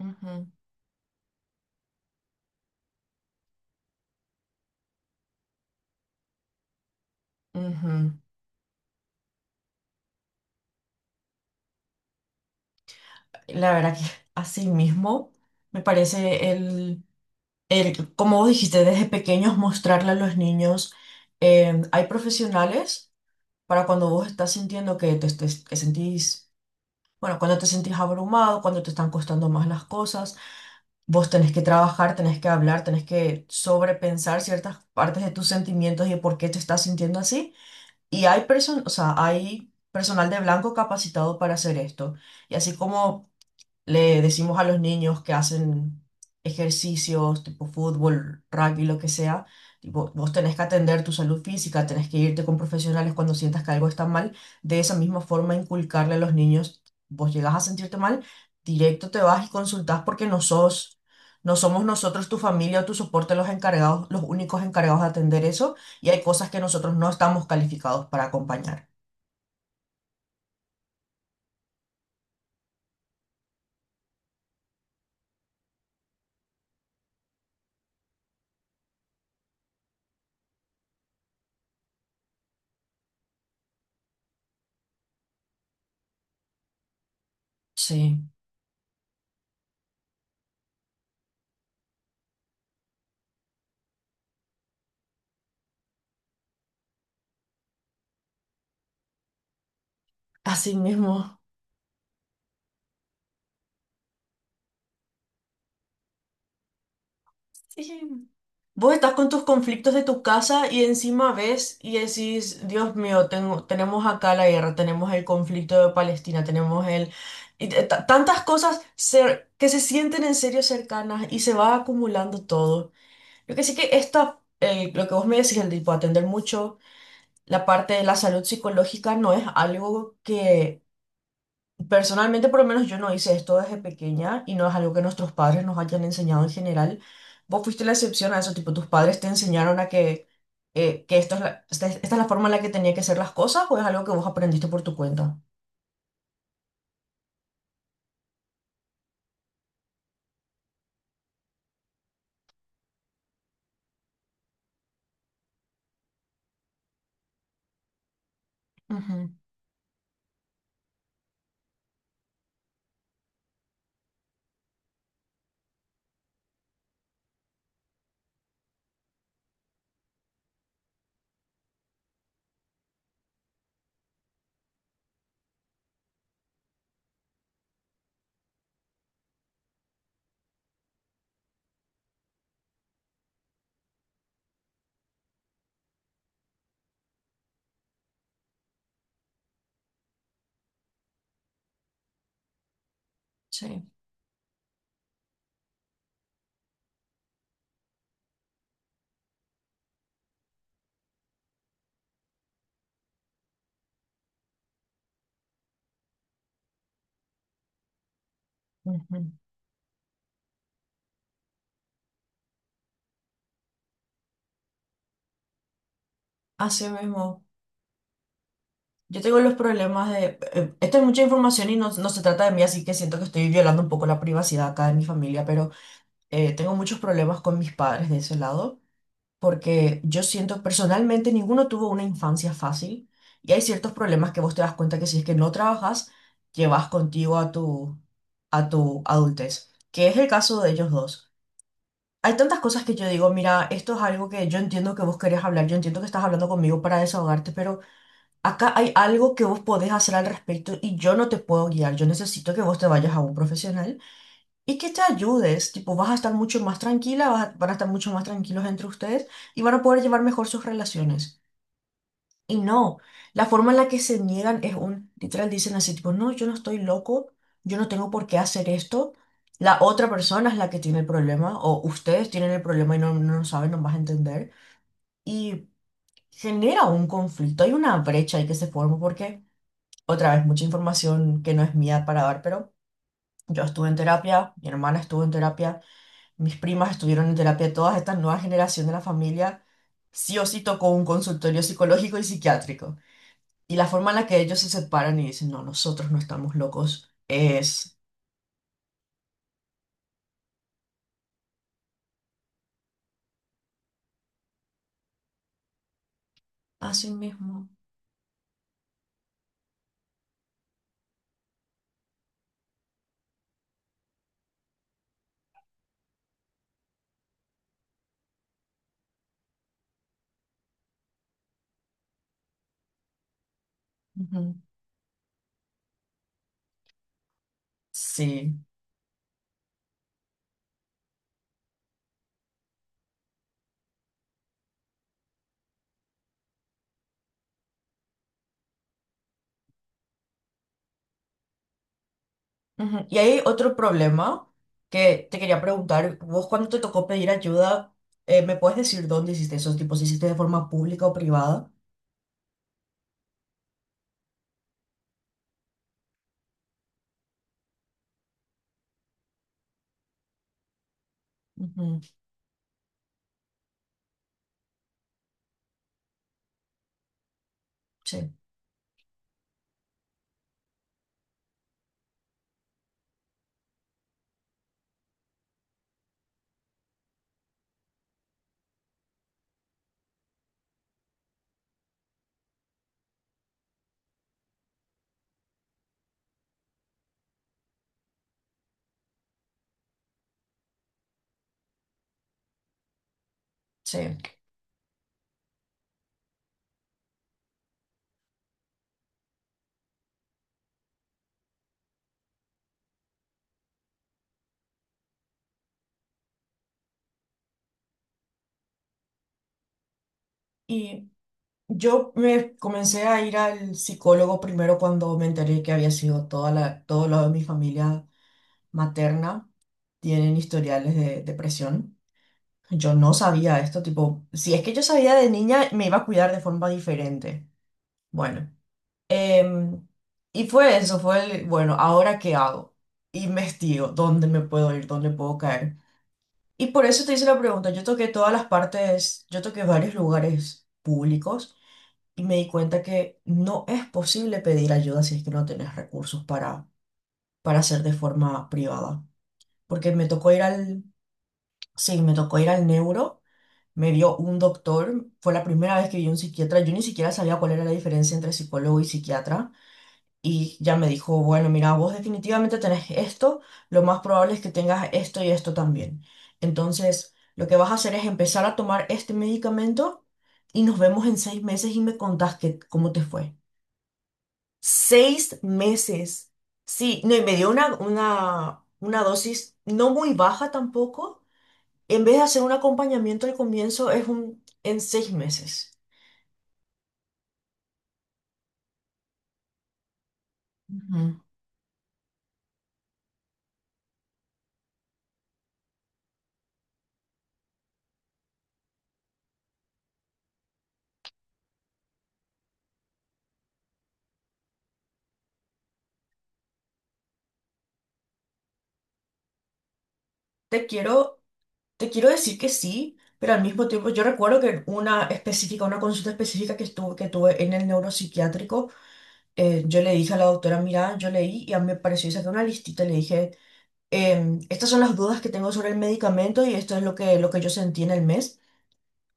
Ujú, ujú. La verdad que así mismo me parece el, como vos dijiste, desde pequeños mostrarle a los niños, hay profesionales para cuando vos estás sintiendo que te que sentís, bueno, cuando te sentís abrumado, cuando te están costando más las cosas, vos tenés que trabajar, tenés que hablar, tenés que sobrepensar ciertas partes de tus sentimientos y de por qué te estás sintiendo así. Y o sea, hay personal de blanco capacitado para hacer esto. Y así como le decimos a los niños que hacen ejercicios tipo fútbol, rugby, lo que sea, tipo, vos tenés que atender tu salud física, tenés que irte con profesionales cuando sientas que algo está mal. De esa misma forma, inculcarle a los niños, vos llegas a sentirte mal, directo te vas y consultás porque no somos nosotros, tu familia o tu soporte los únicos encargados de atender eso, y hay cosas que nosotros no estamos calificados para acompañar. Sí, así mismo. Sí. Vos estás con tus conflictos de tu casa y encima ves y decís, Dios mío, tenemos acá la guerra, tenemos el conflicto de Palestina, tenemos el... y tantas cosas que se sienten en serio cercanas y se va acumulando todo. Yo que sí que lo que vos me decís, el tipo atender mucho, la parte de la salud psicológica no es algo. Personalmente, por lo menos yo no hice esto desde pequeña y no es algo que nuestros padres nos hayan enseñado en general. Vos fuiste la excepción a eso, tipo, tus padres te enseñaron a que esto es la- esta es la forma en la que tenía que ser las cosas o es algo que vos aprendiste por tu cuenta. Ujú, sí. Ujú. Así mismo, yo tengo los problemas de... esta es mucha información y no se trata de mí, así que siento que estoy violando un poco la privacidad acá de mi familia, pero tengo muchos problemas con mis padres de ese lado. Porque yo siento personalmente ninguno tuvo una infancia fácil y hay ciertos problemas que vos te das cuenta que si es que no trabajas, llevas contigo a tu adultez, que es el caso de ellos dos. Hay tantas cosas que yo digo, mira, esto es algo que yo entiendo que vos querés hablar, yo entiendo que estás hablando conmigo para desahogarte, pero acá hay algo que vos podés hacer al respecto y yo no te puedo guiar, yo necesito que vos te vayas a un profesional y que te ayudes, tipo, vas a estar mucho más tranquila, van a estar mucho más tranquilos entre ustedes y van a poder llevar mejor sus relaciones. Y no, la forma en la que se niegan es un, literal dicen así, tipo, no, yo no estoy loco, yo no tengo por qué hacer esto. La otra persona es la que tiene el problema o ustedes tienen el problema y no lo saben, no vas a entender. Y genera un conflicto, hay una brecha ahí que se forma porque, otra vez, mucha información que no es mía para dar, pero yo estuve en terapia, mi hermana estuvo en terapia. Mis primas estuvieron en terapia. Todas esta nueva generación de la familia sí o sí tocó un consultorio psicológico y psiquiátrico. Y la forma en la que ellos se separan y dicen, no, nosotros no estamos locos, es así mismo. Ujú. Sí. Ujú. Y hay otro problema que te quería preguntar, vos cuando te tocó pedir ayuda, ¿me puedes decir dónde hiciste esos tipos? ¿Hiciste de forma pública o privada? Ujú. Sí, sí. Y yo me comencé a ir al psicólogo primero cuando me enteré que había sido todo lo de mi familia materna tienen historiales de depresión. Yo no sabía esto, tipo, si es que yo sabía de niña, me iba a cuidar de forma diferente. Bueno, em, y fue eso, fue el, bueno, ¿ahora qué hago? Investigo, ¿dónde me puedo ir? ¿Dónde puedo caer? Y por eso te hice la pregunta, yo toqué todas las partes, yo toqué varios lugares públicos y me di cuenta que no es posible pedir ayuda si es que no tenés recursos para hacer de forma privada. Porque me tocó ir al, sí, me tocó ir al neuro, me vio un doctor, fue la primera vez que vi un psiquiatra, yo ni siquiera sabía cuál era la diferencia entre psicólogo y psiquiatra. Y ya me dijo, bueno, mira, vos definitivamente tenés esto, lo más probable es que tengas esto y esto también. Entonces, lo que vas a hacer es empezar a tomar este medicamento y nos vemos en 6 meses y me contás qué cómo te fue. Seis meses. Sí, no, y me dio una dosis no muy baja tampoco. En vez de hacer un acompañamiento al comienzo, es un en 6 meses. Ujú. Te quiero, te quiero decir que sí, pero al mismo tiempo yo recuerdo que una consulta específica que que tuve en el neuropsiquiátrico, yo le dije a la doctora, mira, yo leí y a mí me pareció, y saqué una listita y le dije, estas son las dudas que tengo sobre el medicamento y esto es lo que yo sentí en el mes.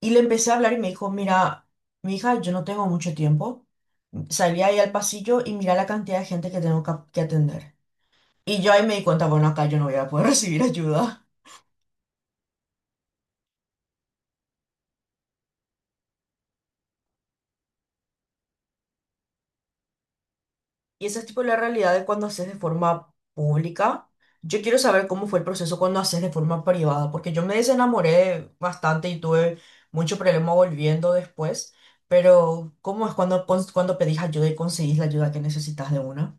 Y le empecé a hablar y me dijo, mira, mi hija, yo no tengo mucho tiempo. Salí ahí al pasillo y mira la cantidad de gente que tengo que atender. Y yo ahí me di cuenta, bueno, acá yo no voy a poder recibir ayuda. Y esa es tipo la realidad de cuando haces de forma pública. Yo quiero saber cómo fue el proceso cuando haces de forma privada, porque yo me desenamoré bastante y tuve mucho problema volviendo después. Pero, ¿cómo es cuando, cuando pedís ayuda y conseguís la ayuda que necesitas de una?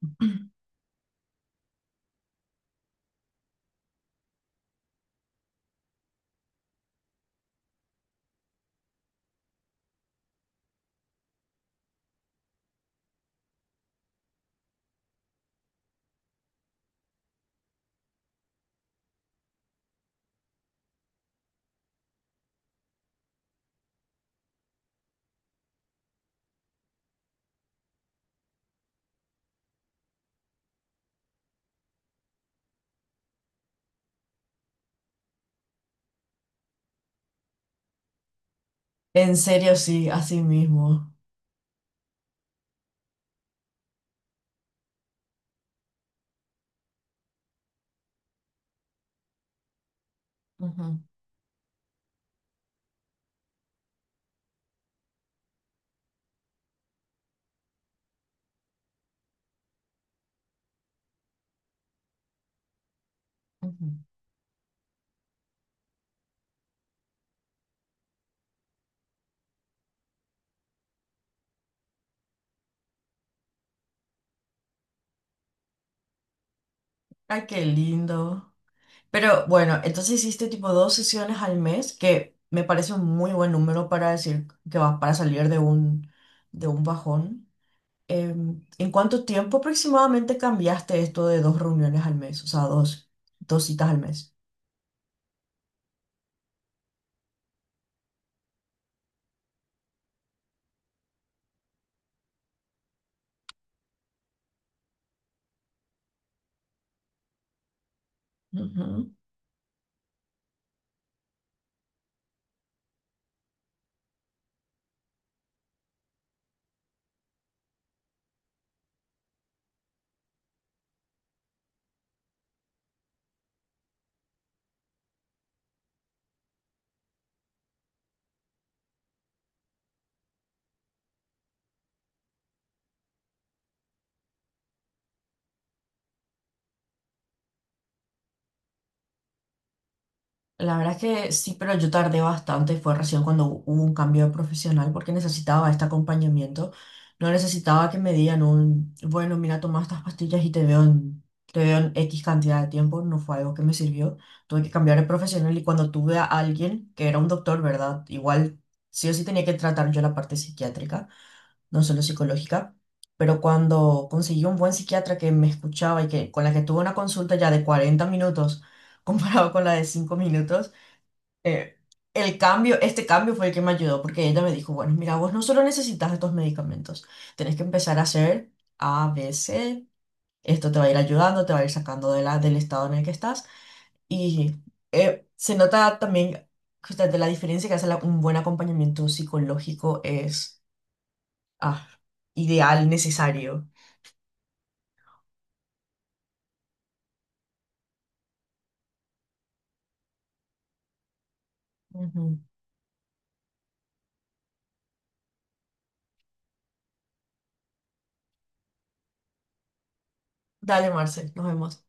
En serio, sí, así mismo. Ujú, ujú. Ay, qué lindo. Pero bueno, entonces hiciste tipo dos sesiones al mes, que me parece un muy buen número para decir que vas para salir de un bajón. Em, ¿en cuánto tiempo aproximadamente cambiaste esto de dos reuniones al mes? O sea, dos, dos citas al mes. Ujú. La verdad es que sí, pero yo tardé bastante. Fue recién cuando hubo un cambio de profesional porque necesitaba este acompañamiento. No necesitaba que me dieran un, bueno, mira, toma estas pastillas y te veo en X cantidad de tiempo. No fue algo que me sirvió. Tuve que cambiar de profesional y cuando tuve a alguien que era un doctor, ¿verdad? Igual sí o sí tenía que tratar yo la parte psiquiátrica, no solo psicológica. Pero cuando conseguí un buen psiquiatra que me escuchaba y que con la que tuve una consulta ya de 40 minutos comparado con la de 5 minutos, eh, este cambio fue el que me ayudó, porque ella me dijo, bueno, mira, vos no solo necesitas estos medicamentos, tenés que empezar a hacer ABC, esto te va a ir ayudando, te va a ir sacando de la, del estado en el que estás, y se nota también justamente la diferencia que hace un buen acompañamiento psicológico es ah, ideal, necesario. Ujú. Dale, Marcel, nos vemos.